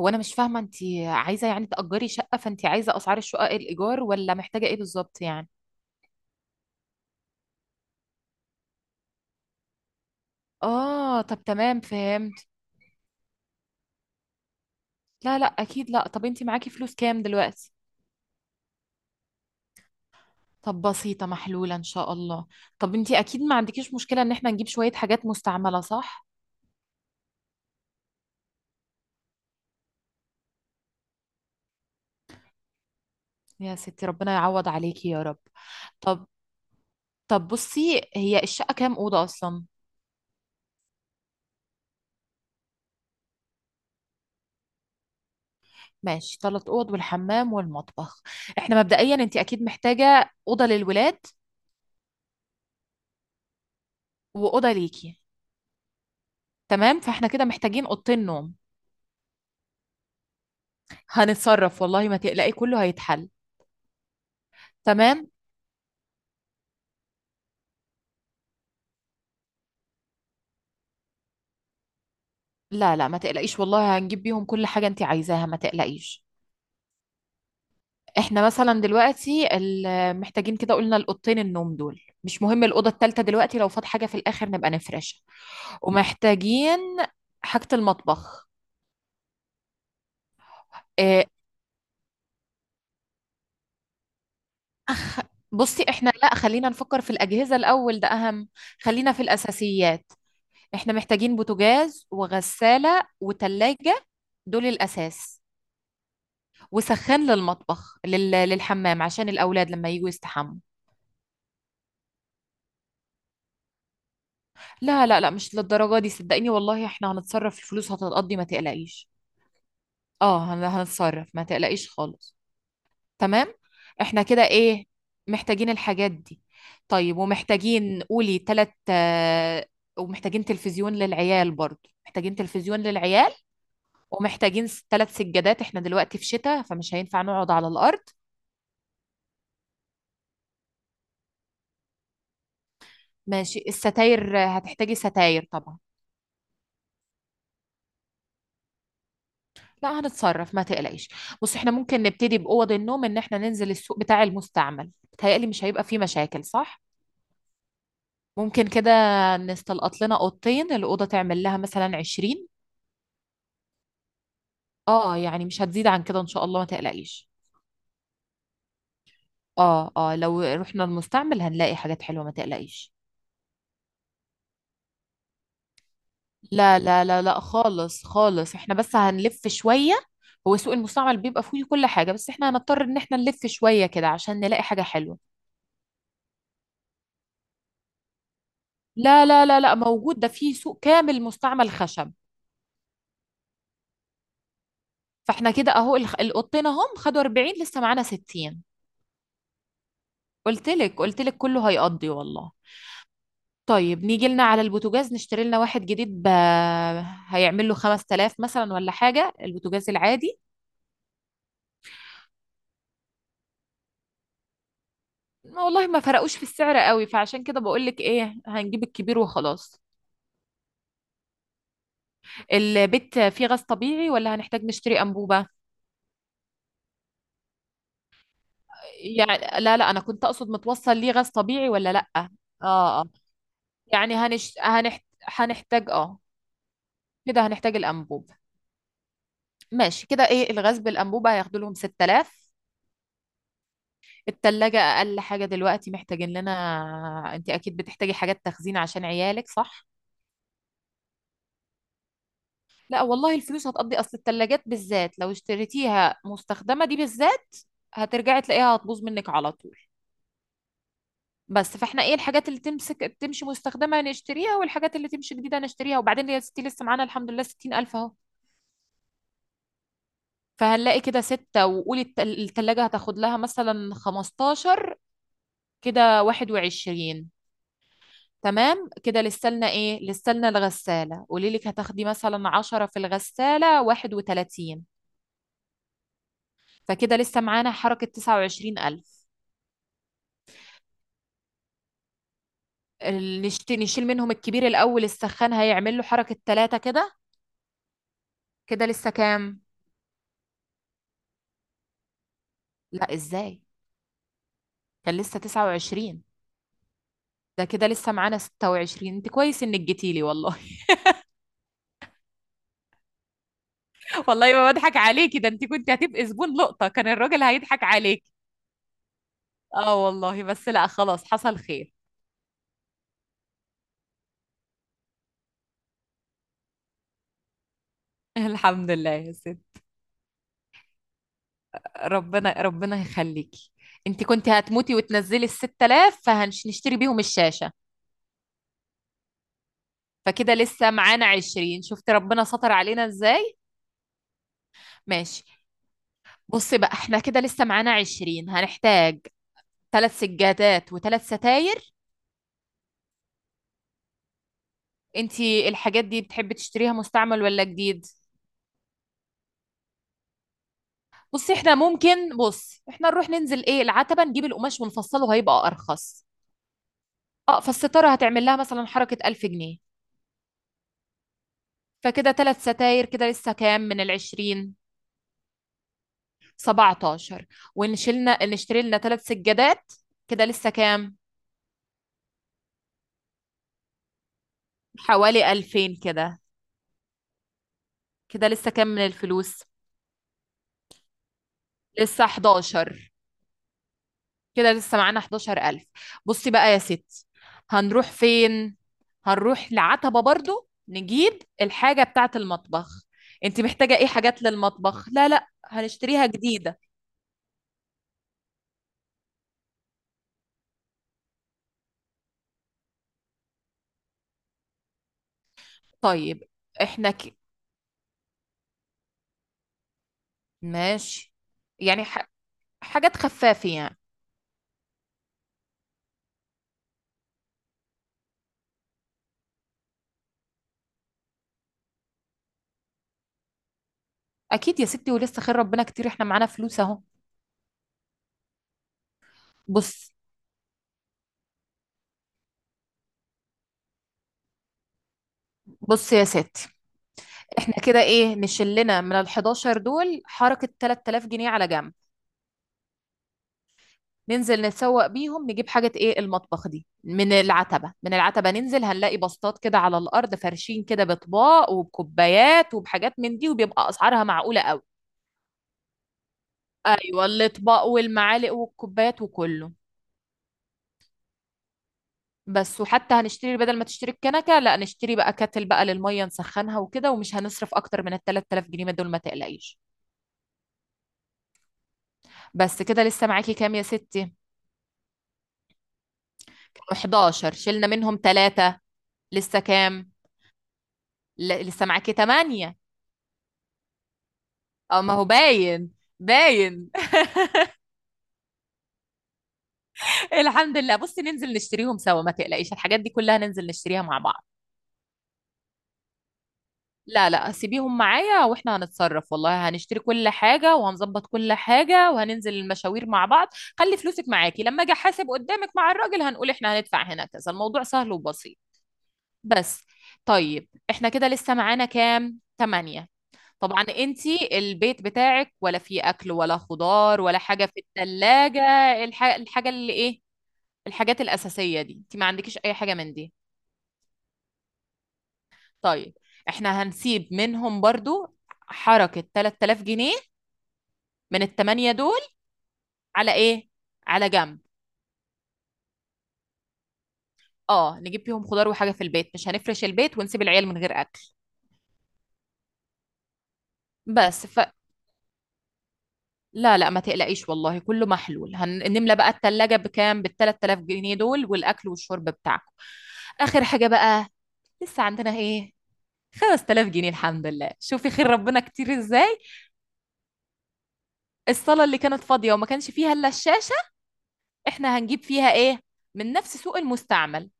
هو انا مش فاهمه. انت عايزه يعني تأجري شقه؟ فانت عايزه اسعار الشقق الايجار ولا محتاجه ايه بالظبط يعني؟ اه، طب تمام فهمت. لا لا اكيد لا. طب انت معاكي فلوس كام دلوقتي؟ طب بسيطه محلوله ان شاء الله. طب انت اكيد ما عندكيش مشكله ان احنا نجيب شويه حاجات مستعمله، صح؟ يا ستي ربنا يعوض عليكي يا رب. طب طب بصي، هي الشقه كام اوضه اصلا؟ ماشي، ثلاث اوض والحمام والمطبخ. احنا مبدئيا انت اكيد محتاجه اوضه للولاد واوضه ليكي. تمام، فاحنا كده محتاجين اوضتين نوم. هنتصرف، والله ما تقلقي، كله هيتحل. تمام. لا لا، ما تقلقيش والله، هنجيب بيهم كل حاجة انت عايزاها، ما تقلقيش. احنا مثلا دلوقتي محتاجين كده، قلنا الاوضتين النوم دول، مش مهم الأوضة التالتة دلوقتي، لو فات حاجة في الآخر نبقى نفرشها. ومحتاجين حاجة المطبخ. إيه، أخ... بصي، احنا لا، خلينا نفكر في الأجهزة الأول، ده أهم. خلينا في الأساسيات. احنا محتاجين بوتاجاز وغسالة وتلاجة، دول الأساس. وسخان للمطبخ، للحمام، عشان الأولاد لما يجوا يستحموا. لا لا لا، مش للدرجة دي صدقيني والله، احنا هنتصرف، الفلوس هتتقضي، ما تقلقيش. اه، هنتصرف، ما تقلقيش خالص. تمام. احنا كده ايه، محتاجين الحاجات دي. طيب ومحتاجين قولي تلت. ومحتاجين تلفزيون للعيال، برضو محتاجين تلفزيون للعيال. ومحتاجين ثلاث سجادات، احنا دلوقتي في شتاء، فمش هينفع نقعد على الارض. ماشي، الستاير، هتحتاجي ستاير طبعا. لا، هنتصرف ما تقلقيش. بص، احنا ممكن نبتدي باوض النوم، ان احنا ننزل السوق بتاع المستعمل، بتهيألي مش هيبقى فيه مشاكل، صح؟ ممكن كده نستلقط لنا اوضتين، الاوضه تعمل لها مثلا 20. اه يعني مش هتزيد عن كده ان شاء الله، ما تقلقيش. اه اه، لو رحنا المستعمل هنلاقي حاجات حلوه، ما تقلقيش. لا لا لا لا خالص خالص، احنا بس هنلف شوية. هو سوق المستعمل بيبقى فيه كل حاجة، بس احنا هنضطر ان احنا نلف شوية كده عشان نلاقي حاجة حلوة. لا لا لا لا موجود، ده فيه سوق كامل مستعمل خشب. فاحنا كده اهو، القطين اهم، خدوا 40، لسه معانا 60. قلت لك قلت لك كله هيقضي والله. طيب نيجي لنا على البوتاجاز، نشتري لنا واحد جديد هيعمل له 5000 مثلا ولا حاجة، البوتاجاز العادي. والله ما فرقوش في السعر قوي، فعشان كده بقول لك ايه، هنجيب الكبير وخلاص. البيت فيه غاز طبيعي ولا هنحتاج نشتري أنبوبة؟ يعني لا لا، أنا كنت أقصد متوصل ليه غاز طبيعي ولا لأ. اه، اه يعني هنحتاج. اه، كده هنحتاج الأنبوب. ماشي كده، ايه، الغاز بالأنبوبة هياخدوا لهم 6000. التلاجة أقل حاجة دلوقتي محتاجين لنا. انت أكيد بتحتاجي حاجات تخزين عشان عيالك، صح؟ لا والله، الفلوس هتقضي، أصل التلاجات بالذات لو اشتريتيها مستخدمة دي بالذات، هترجعي تلاقيها هتبوظ منك على طول. بس، فاحنا ايه، الحاجات اللي تمسك تمشي مستخدمة نشتريها، والحاجات اللي تمشي جديدة نشتريها. وبعدين يا ستي لسه معانا الحمد لله 60000 اهو. فهنلاقي كده ستة، وقولي التلاجة هتاخد لها مثلا 15، كده 21. تمام. كده لسه لنا ايه، لسه لنا الغسالة، قولي لك هتاخدي مثلا 10، في الغسالة 31. فكده لسه معانا حركة 29000. نشيل منهم الكبير الأول، السخان هيعمل له حركة 3 كده. كده لسه كام؟ لا، ازاي؟ كان لسه 29. ده كده لسه معانا 26. انت كويس انك جيتيلي والله. والله ما بضحك عليكي، ده انت كنت هتبقي زبون لقطة، كان الراجل هيضحك عليكي. اه والله، بس لا خلاص حصل خير. الحمد لله يا ست. ربنا ربنا يخليكي. انت كنت هتموتي، وتنزلي ال 6000 فهنشتري بيهم الشاشة. فكده لسه معانا 20. شفت ربنا ستر علينا ازاي. ماشي. بصي بقى، احنا كده لسه معانا 20، هنحتاج ثلاث سجادات وثلاث ستاير. انتي الحاجات دي بتحبي تشتريها مستعمل ولا جديد؟ بصي، احنا ممكن، بص احنا نروح ننزل ايه، العتبة، نجيب القماش ونفصله هيبقى ارخص. اه، فالستارة هتعمل لها مثلا حركة 1000 جنيه. فكده ثلاث ستاير، كده لسه كام من العشرين؟ 17. ونشيلنا نشتري لنا ثلاث سجادات. كده لسه كام؟ حوالي 2000 كده. كده لسه كام من الفلوس؟ لسه 11. كده لسه معانا 11000. بصي بقى يا ستي، هنروح فين؟ هنروح لعتبة برضو، نجيب الحاجة بتاعة المطبخ. انت محتاجة ايه حاجات للمطبخ؟ لا لا، هنشتريها جديدة. طيب. احنا ماشي. يعني حاجات خفافة يعني. اكيد يا ستي، ولسه خير ربنا كتير، احنا معانا فلوس اهو. بص، بص يا ستي، احنا كده ايه، نشلنا من ال 11 دول حركة 3000 جنيه على جنب. ننزل نتسوق بيهم نجيب حاجة ايه، المطبخ، دي من العتبة، من العتبة ننزل هنلاقي بسطات كده على الأرض، فرشين كده بأطباق وبكوبايات وبحاجات من دي، وبيبقى أسعارها معقولة قوي. أيوة، الأطباق والمعالق والكوبايات وكله. بس، وحتى هنشتري بدل ما تشتري الكنكة لا، نشتري بقى كاتل بقى للمية نسخنها وكده. ومش هنصرف أكتر من ال 3000 جنيه دول، ما تقلقيش. بس كده لسه معاكي كام يا ستي؟ 11 شلنا منهم ثلاثة، لسه كام؟ لسه معاكي 8. اه، ما هو باين، باين. الحمد لله. بصي ننزل نشتريهم سوا، ما تقلقيش، الحاجات دي كلها ننزل نشتريها مع بعض. لا لا، سيبيهم معايا، واحنا هنتصرف والله، هنشتري كل حاجة وهنظبط كل حاجة وهننزل المشاوير مع بعض. خلي فلوسك معاكي، لما اجي احاسب قدامك مع الراجل هنقول احنا هندفع هنا كذا، الموضوع سهل وبسيط. بس طيب احنا كده لسه معانا كام، تمانية. طبعا انتي البيت بتاعك ولا فيه اكل ولا خضار ولا حاجة في التلاجة؟ الحاجة اللي ايه، الحاجات الأساسية دي انت ما عندكيش أي حاجة من دي. طيب، احنا هنسيب منهم برضو حركة 3000 جنيه من التمانية دول على ايه، على جنب. اه نجيب بيهم خضار وحاجة في البيت، مش هنفرش البيت ونسيب العيال من غير أكل. بس ف لا لا، ما تقلقيش والله، كله محلول. هنملى بقى التلاجة بكام؟ بال 3000 جنيه دول، والأكل والشرب بتاعكم. آخر حاجة بقى، لسه عندنا ايه؟ 5000 جنيه، الحمد لله، شوفي خير ربنا كتير ازاي. الصالة اللي كانت فاضية وما كانش فيها الا الشاشة، احنا هنجيب فيها ايه، من نفس سوق المستعمل.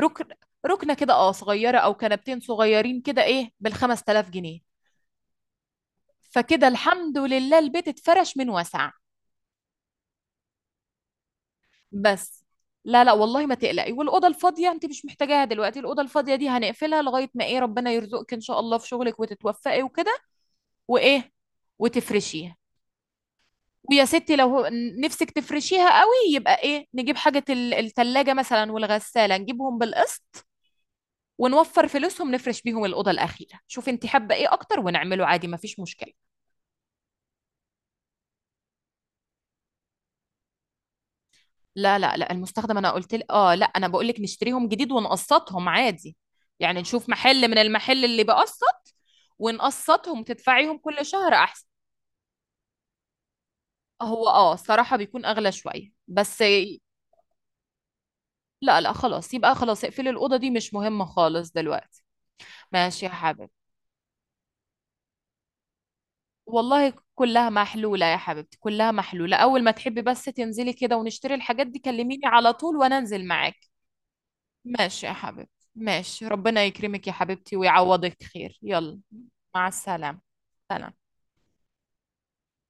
ركن، ركنه كده اه صغيره، او كنبتين صغيرين كده ايه، بالخمس تلاف جنيه. فكده الحمد لله البيت اتفرش من وسع. بس، لا لا والله ما تقلقي، والاوضه الفاضيه انت مش محتاجاها دلوقتي، الاوضه الفاضيه دي هنقفلها لغايه ما ايه، ربنا يرزقك ان شاء الله في شغلك وتتوفقي وكده، وايه وتفرشيها. ويا ستي لو نفسك تفرشيها قوي، يبقى ايه، نجيب حاجه، التلاجة مثلا والغساله، نجيبهم بالقسط، ونوفر فلوسهم نفرش بيهم الأوضة الأخيرة. شوف انت حابة ايه أكتر، ونعمله عادي مفيش مشكلة. لا لا لا، المستخدم أنا قلت لك آه لا، أنا بقول لك نشتريهم جديد ونقسطهم عادي. يعني نشوف محل من المحل اللي بقسط، ونقسطهم تدفعيهم كل شهر أحسن. هو آه صراحة بيكون أغلى شوية، بس لا لا خلاص، يبقى خلاص اقفلي الأوضة دي، مش مهمة خالص دلوقتي. ماشي يا حبيبي. والله كلها محلولة يا حبيبتي، كلها محلولة، أول ما تحبي بس تنزلي كده ونشتري الحاجات دي كلميني على طول وأنا أنزل معاكي. ماشي يا حبيبتي، ماشي، ربنا يكرمك يا حبيبتي ويعوضك خير، يلا. مع السلامة. سلام.